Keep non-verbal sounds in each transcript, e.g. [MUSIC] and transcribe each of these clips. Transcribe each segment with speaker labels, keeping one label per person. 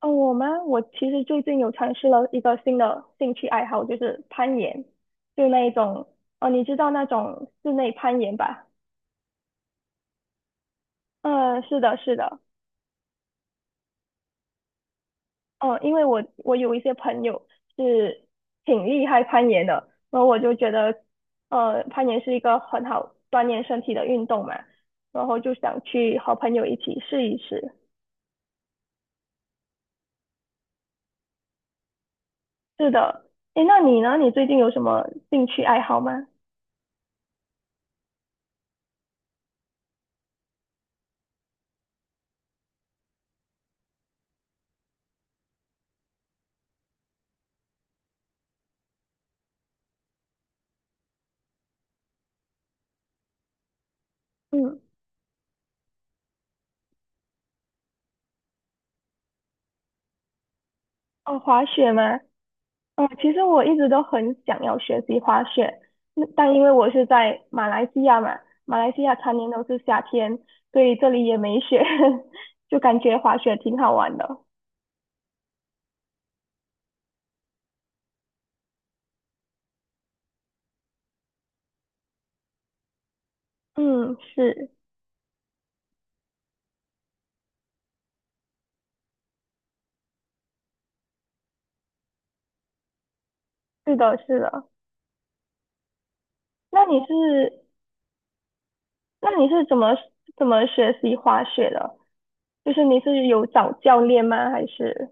Speaker 1: 哦，我吗？我其实最近有尝试了一个新的兴趣爱好，就是攀岩，就那一种，哦，你知道那种室内攀岩吧？嗯，是的，是的，哦，因为我有一些朋友是挺厉害攀岩的，然后我就觉得，攀岩是一个很好锻炼身体的运动嘛，然后就想去和朋友一起试一试。是的，诶，那你呢？你最近有什么兴趣爱好吗？嗯，哦，滑雪吗？哦，其实我一直都很想要学习滑雪，那但因为我是在马来西亚嘛，马来西亚常年都是夏天，所以这里也没雪，[LAUGHS] 就感觉滑雪挺好玩的。嗯，是，是的，是的。那你是，那你是怎么学习滑雪的？就是你是有找教练吗？还是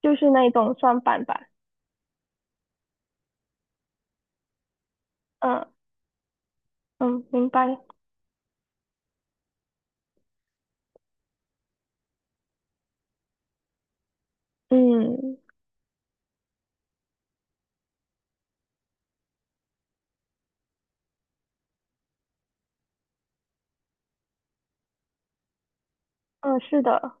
Speaker 1: 就是那种双板吧？嗯嗯，明白。嗯嗯，是的。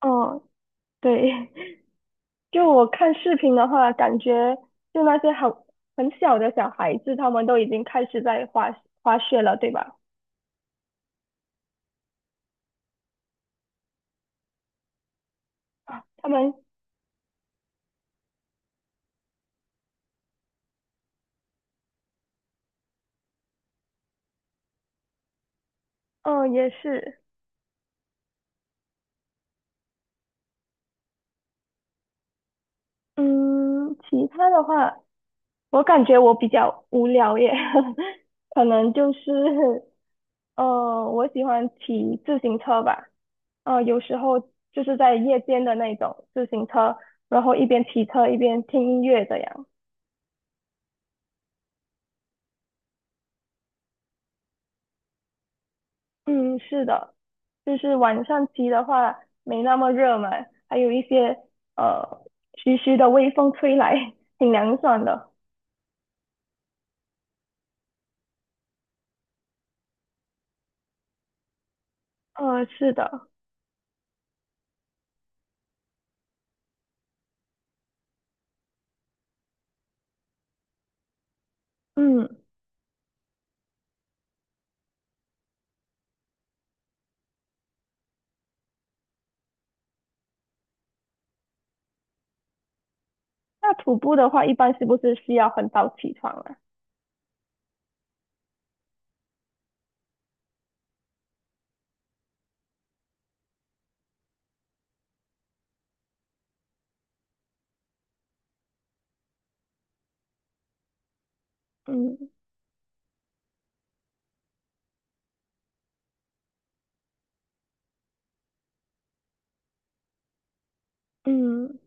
Speaker 1: 嗯，对。就我看视频的话，感觉就那些很小的小孩子，他们都已经开始在滑雪了，对吧？啊他们，嗯、也是，嗯，其他的话，我感觉我比较无聊耶，[LAUGHS] 可能就是，我喜欢骑自行车吧，有时候就是在夜间的那种自行车，然后一边骑车一边听音乐这样。嗯，是的，就是晚上骑的话没那么热嘛，还有一些呃徐徐的微风吹来，挺凉爽的。是的，嗯，那徒步的话，一般是不是需要很早起床啊？嗯嗯，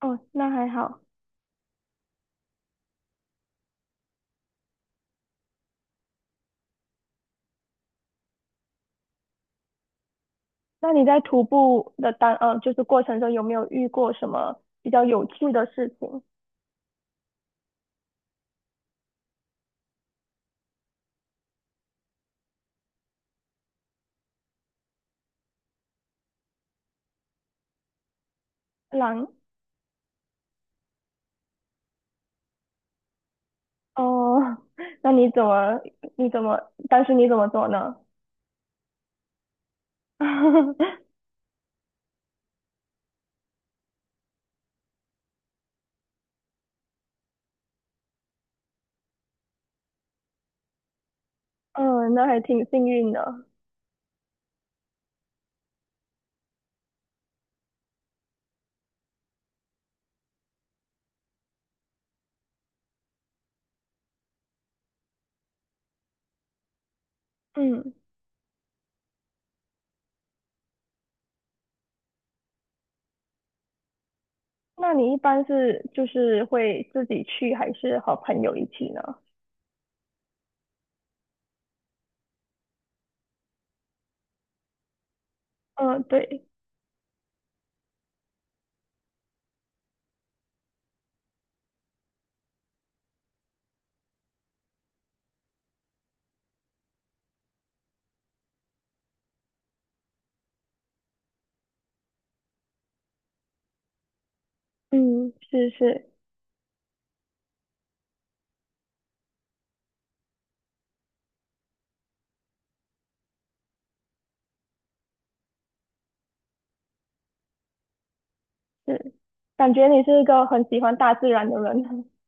Speaker 1: 哦，那还好。那你在徒步的就是过程中有没有遇过什么比较有趣的事情？狼？哦，[LAUGHS] 那你怎么你怎么当时你怎么做呢？[LAUGHS] 嗯，那还挺幸运的。嗯，那你一般是就是会自己去，还是和朋友一起呢？嗯，对，嗯，是是是，感觉你是一个很喜欢大自然的人。[LAUGHS]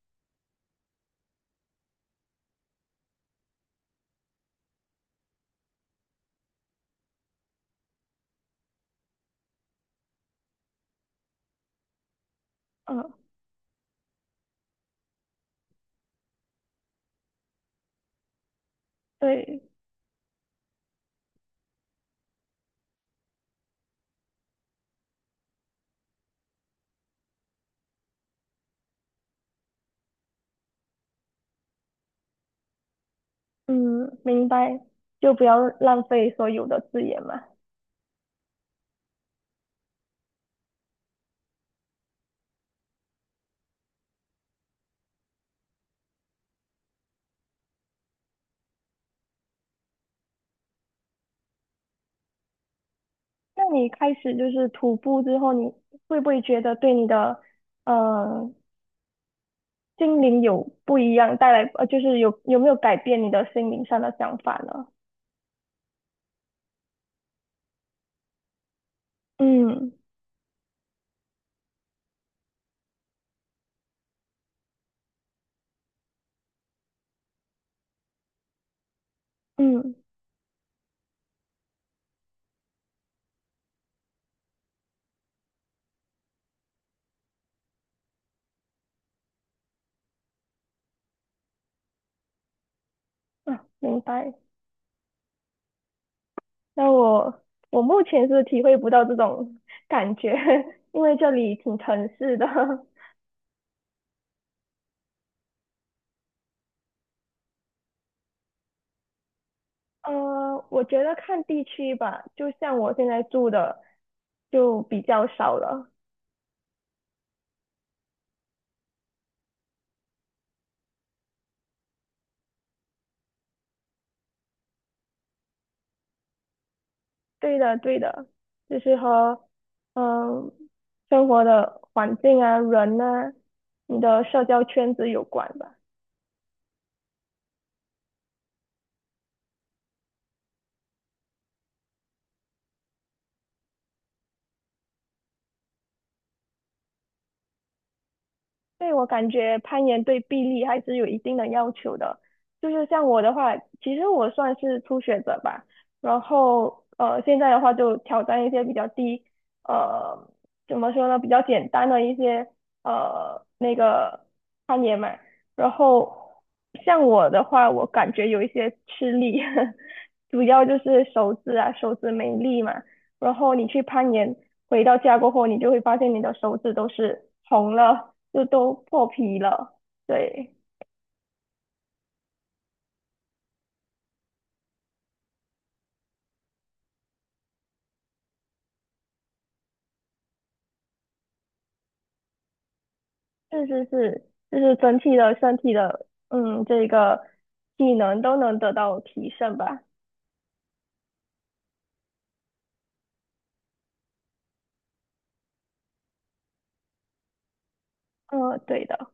Speaker 1: 嗯，对，嗯，明白，就不要浪费所有的资源嘛。那你开始就是徒步之后，你会不会觉得对你的呃心灵有不一样，带来就是有没有改变你的心灵上的想法呢？嗯嗯。啊，明白。那我目前是体会不到这种 [LAUGHS] 感觉，[LAUGHS] 因为这里挺城市的。[LAUGHS] 我觉得看地区吧，就像我现在住的就比较少了。对的，对的，就是和嗯、生活的环境啊、人啊、你的社交圈子有关吧。对，我感觉攀岩对臂力还是有一定的要求的。就是像我的话，其实我算是初学者吧。然后现在的话就挑战一些比较低，呃，怎么说呢，比较简单的一些那个攀岩嘛。然后像我的话，我感觉有一些吃力，[LAUGHS] 主要就是手指啊，手指没力嘛。然后你去攀岩。回到家过后，你就会发现你的手指都是红了，就都破皮了。对，是是是，就是整体的身体的，嗯，这个技能都能得到提升吧。嗯，对的。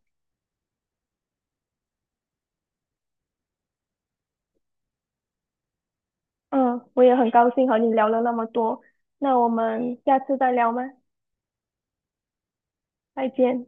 Speaker 1: 嗯，我也很高兴和你聊了那么多。那我们下次再聊吗？再见。